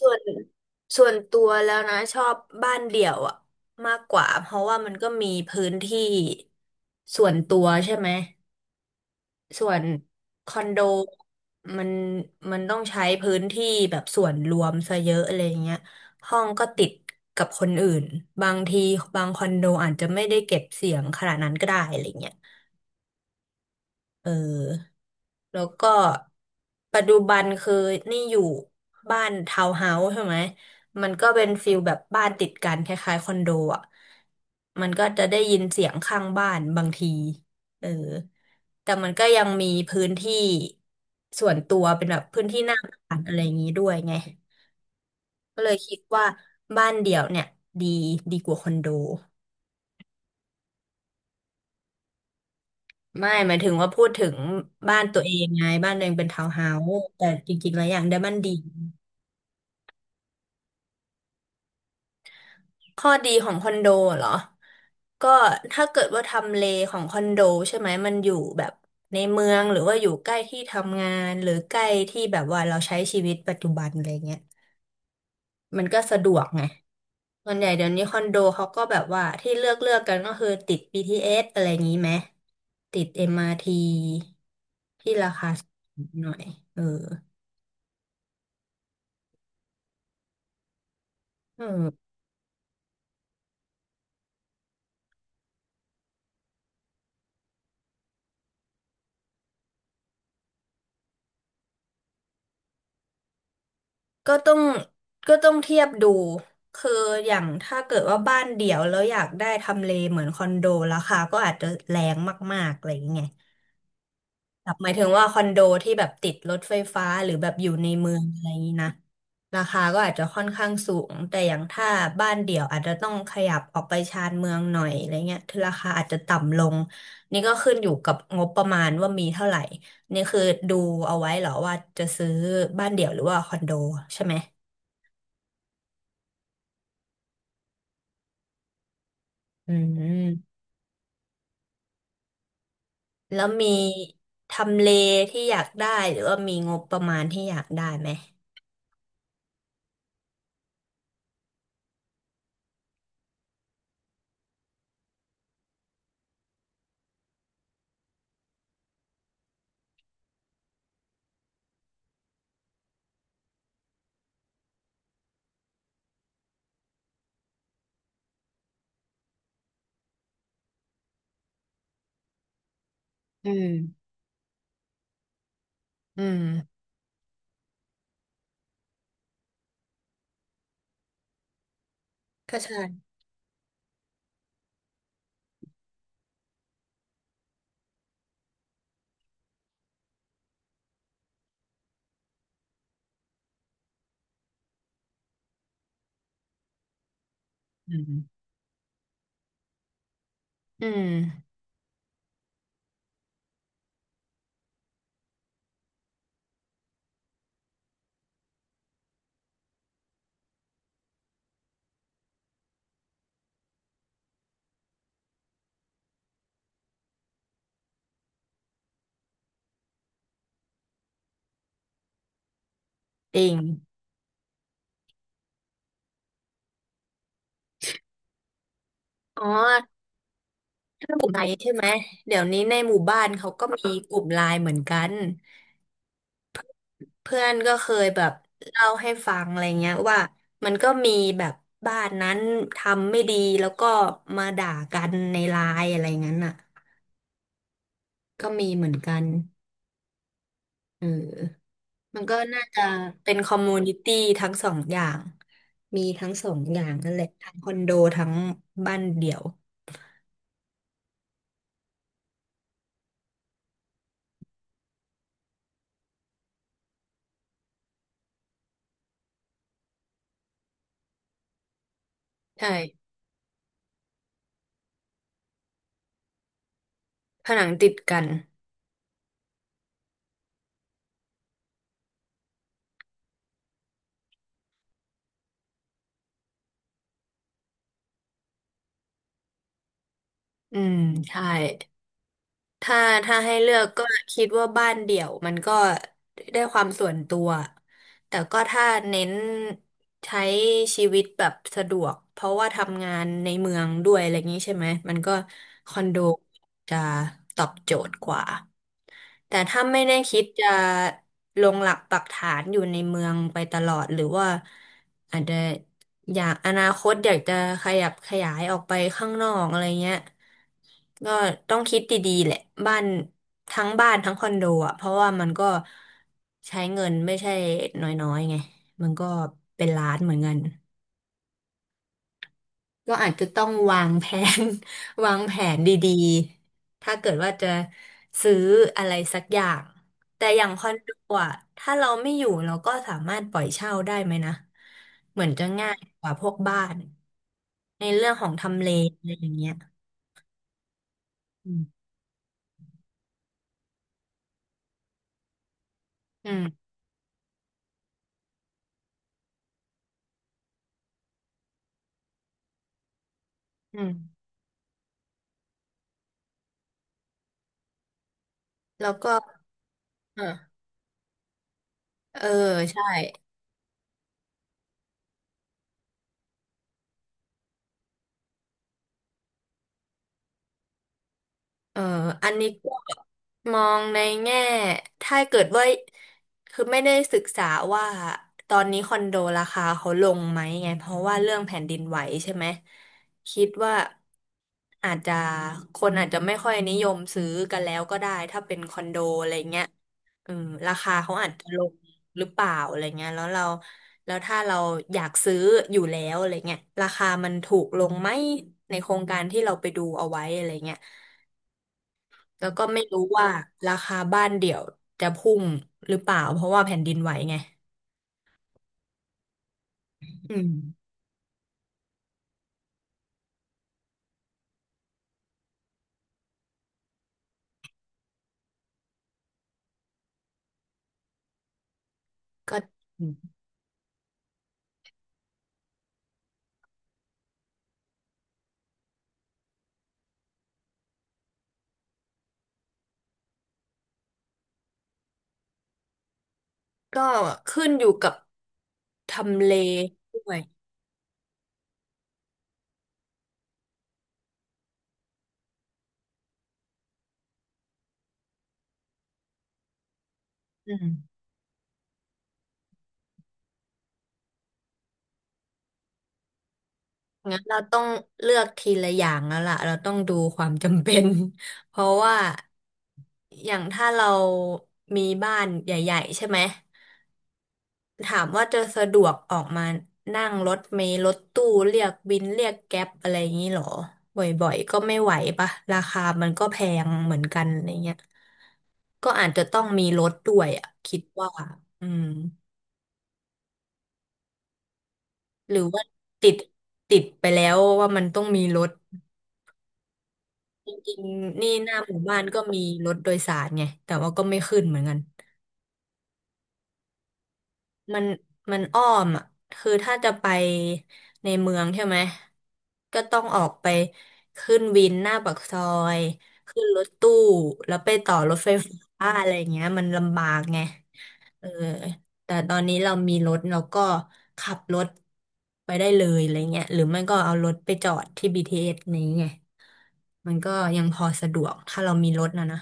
ส่วนส่วนตัวแล้วนะชอบบ้านเดี่ยวอะมากกว่าเพราะว่ามันก็มีพื้นที่ส่วนตัวใช่ไหมส่วนคอนโดมันมันต้องใช้พื้นที่แบบส่วนรวมซะเยอะอะไรเงี้ยห้องก็ติดกับคนอื่นบางทีบางคอนโดอาจจะไม่ได้เก็บเสียงขนาดนั้นก็ได้อะไรเงี้ย เออแล้วก็ปัจจุบันคือนี่อยู่บ้านทาวน์เฮาส์ใช่ไหมมันก็เป็นฟิลแบบบ้านติดกันคล้ายๆคอนโดอ่ะมันก็จะได้ยินเสียงข้างบ้านบางทีเออแต่มันก็ยังมีพื้นที่ส่วนตัวเป็นแบบพื้นที่หน้าบ้านอะไรอย่างนี้ด้วยไงก็เลยคิดว่าบ้านเดี่ยวเนี่ยดีดีกว่าคอนโด ไม่หมายถึงว่าพูดถึงบ้านตัวเองไงบ้านตัวเองเป็นทาวน์เฮาส์แต่จริงๆแล้วอย่างได้บ้านเดียวข้อดีของคอนโดเหรอก็ถ้าเกิดว่าทำเลของคอนโดใช่ไหมมันอยู่แบบในเมืองหรือว่าอยู่ใกล้ที่ทำงานหรือใกล้ที่แบบว่าเราใช้ชีวิตปัจจุบันอะไรเงี้ยมันก็สะดวกไงส่วนใหญ่เดี๋ยวนี้คอนโดเขาก็แบบว่าที่เลือกกันก็คือติด BTS อสอะไรอย่างนี้ไหมติด MRT ทีที่ราคาสูงหน่อยเออ เออก็ต้องก็ต้องเทียบดูคืออย่างถ้าเกิดว่าบ้านเดี่ยวแล้วอยากได้ทำเลเหมือนคอนโดราคาก็อาจจะแรงมากๆอะไรอย่างเงี้ยแบบหมายถึงว่าคอนโดที่แบบติดรถไฟฟ้าหรือแบบอยู่ในเมืองอะไรอย่างนี้นะราคาก็อาจจะค่อนข้างสูงแต่อย่างถ้าบ้านเดี่ยวอาจจะต้องขยับออกไปชานเมืองหน่อยอะไรเงี้ยถึงราคาอาจจะต่ำลงนี่ก็ขึ้นอยู่กับงบประมาณว่ามีเท่าไหร่นี่คือดูเอาไว้เหรอว่าจะซื้อบ้านเดี่ยวหรือว่าคอนโดใช่ไหม อืมแล้วมีทำเลที่อยากได้หรือว่ามีงบประมาณที่อยากได้ไหมอืมอืมก็ใช่อืมอืมจริงอ๋อถ้ากลุ่มไลน์ใช่ไหมเดี๋ยวนี้ในหมู่บ้านเขาก็มีกลุ่มไลน์เหมือนกันเพื่อนก็เคยแบบเล่าให้ฟังอะไรเงี้ยว่ามันก็มีแบบบ้านนั้นทำไม่ดีแล้วก็มาด่ากันในไลน์อะไรงั้นอ่ะก็มีเหมือนกันเออ มันก็น่าจะเป็นคอมมูนิตี้ทั้งสองอย่างมีทั้งสองอย่างนั่นแหละทั้งคอนโดทั้งบ้านเดี่ยวใช่ผนังติดกันอืมใช่ ถ้าถ้าให้เลือกก็คิดว่าบ้านเดี่ยวมันก็ได้ความส่วนตัวแต่ก็ถ้าเน้นใช้ชีวิตแบบสะดวกเพราะว่าทำงานในเมืองด้วยอะไรอย่างนี้ใช่ไหมมันก็คอนโดจะตอบโจทย์กว่าแต่ถ้าไม่ได้คิดจะลงหลักปักฐานอยู่ในเมืองไปตลอดหรือว่าอาจจะ อยากอนาคตอยากจะขยับขยายออกไปข้างนอกอะไรเงี้ย ก็ต้องคิดดีๆแหละบ้านทั้งบ้านทั้งคอนโดอ่ะเพราะว่ามันก็ใช้เงินไม่ใช่น้อยๆไงมันก็เป็นล้านเหมือนกัน ก็อาจจะต้องวางแผน วางแผนดีๆ ถ้าเกิดว่าจะซื้ออะไรสักอย่าง แต่อย่างคอนโดอ่ะถ้าเราไม่อยู่เราก็สามารถปล่อยเช่าได้ไหมนะ เหมือนจะง่ายกว่าพวกบ้าน ในเรื่องของทำเลอะไรอย่างเงี้ยอืมอืมอืมแล้วก็ เออเออใช่ เอออันนี้ก็มองในแง่ถ้าเกิดว่าคือไม่ได้ศึกษาว่าตอนนี้คอนโดราคาเขาลงไหมไงเพราะว่าเรื่องแผ่นดินไหวใช่ไหมคิดว่าอาจจะคนอาจจะไม่ค่อยนิยมซื้อกันแล้วก็ได้ถ้าเป็นคอนโดอะไรเงี้ยเออราคาเขาอาจจะลงหรือเปล่าอะไรเงี้ยแล้วถ้าเราอยากซื้ออยู่แล้วอะไรเงี้ยราคามันถูกลงไหมในโครงการที่เราไปดูเอาไว้อะไรเงี้ย แล้วก็ไม่รู้ว่าราคาบ้านเดี่ยวจะพุ่งหรือเปล่าเพราะว่าแผ่นดินไหวไงอืมก็ก็ขึ้นอยู่กับทำเลด้วยอืมงั้นเราต้องเลือกทีละอย่างแล้วล่ะเราต้องดูความจำเป็น เพราะว่าอย่างถ้าเรามีบ้านใหญ่ๆใช่ไหม ถามว่าจะสะดวกออกมานั่งรถเมล์รถตู้เรียกวินเรียกแก๊ปอะไรอย่างนี้เหรอบ่อยๆก็ไม่ไหวปะราคามันก็แพงเหมือนกันอะไรเงี้ยก็อาจจะต้องมีรถด้วยอ่ะคิดว่าอืมหรือว่าติดติดไปแล้วว่ามันต้องมีรถจริงๆนี่หน้าหมู่บ้านก็มีรถโดยสารไงแต่ว่าก็ไม่ขึ้นเหมือนกัน มันมันอ้อมอ่ะคือถ้าจะไปในเมืองใช่ไหมก็ต้องออกไปขึ้นวินหน้าปากซอยขึ้นรถตู้แล้วไปต่อรถไฟฟ้าอะไรอย่างเงี้ยมันลำบากไงเออแต่ตอนนี้เรามีรถเราก็ขับรถไปได้เลยอะไรเงี้ยหรือไม่ก็เอารถไปจอดที่ BTS นี้ไงมันก็ยังพอสะดวกถ้าเรามีรถนะนะ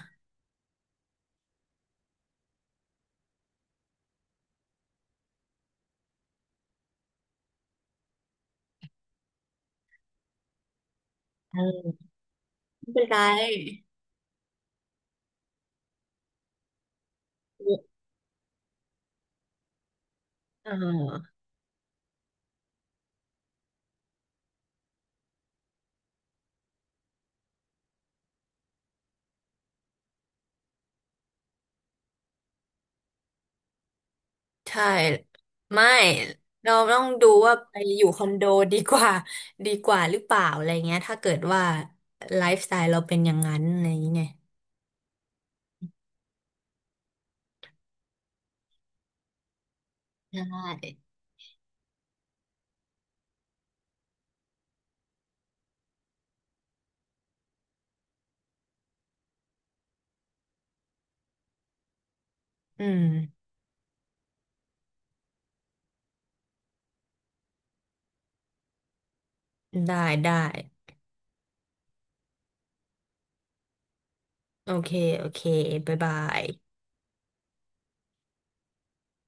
เออไม่เป็นไรเออ ใช่ไม่เราต้องดูว่าไปอยู่คอนโดดีกว่า ดีกว่าหรือเปล่าอะไรเงี้ยถ้าเกิดว่าไลฟ์สไตล์เราเป็นอย่างนั้นอะไรอย่างเงี้ยได้อืมได้ได้โอเคโอเคบ๊ายบาย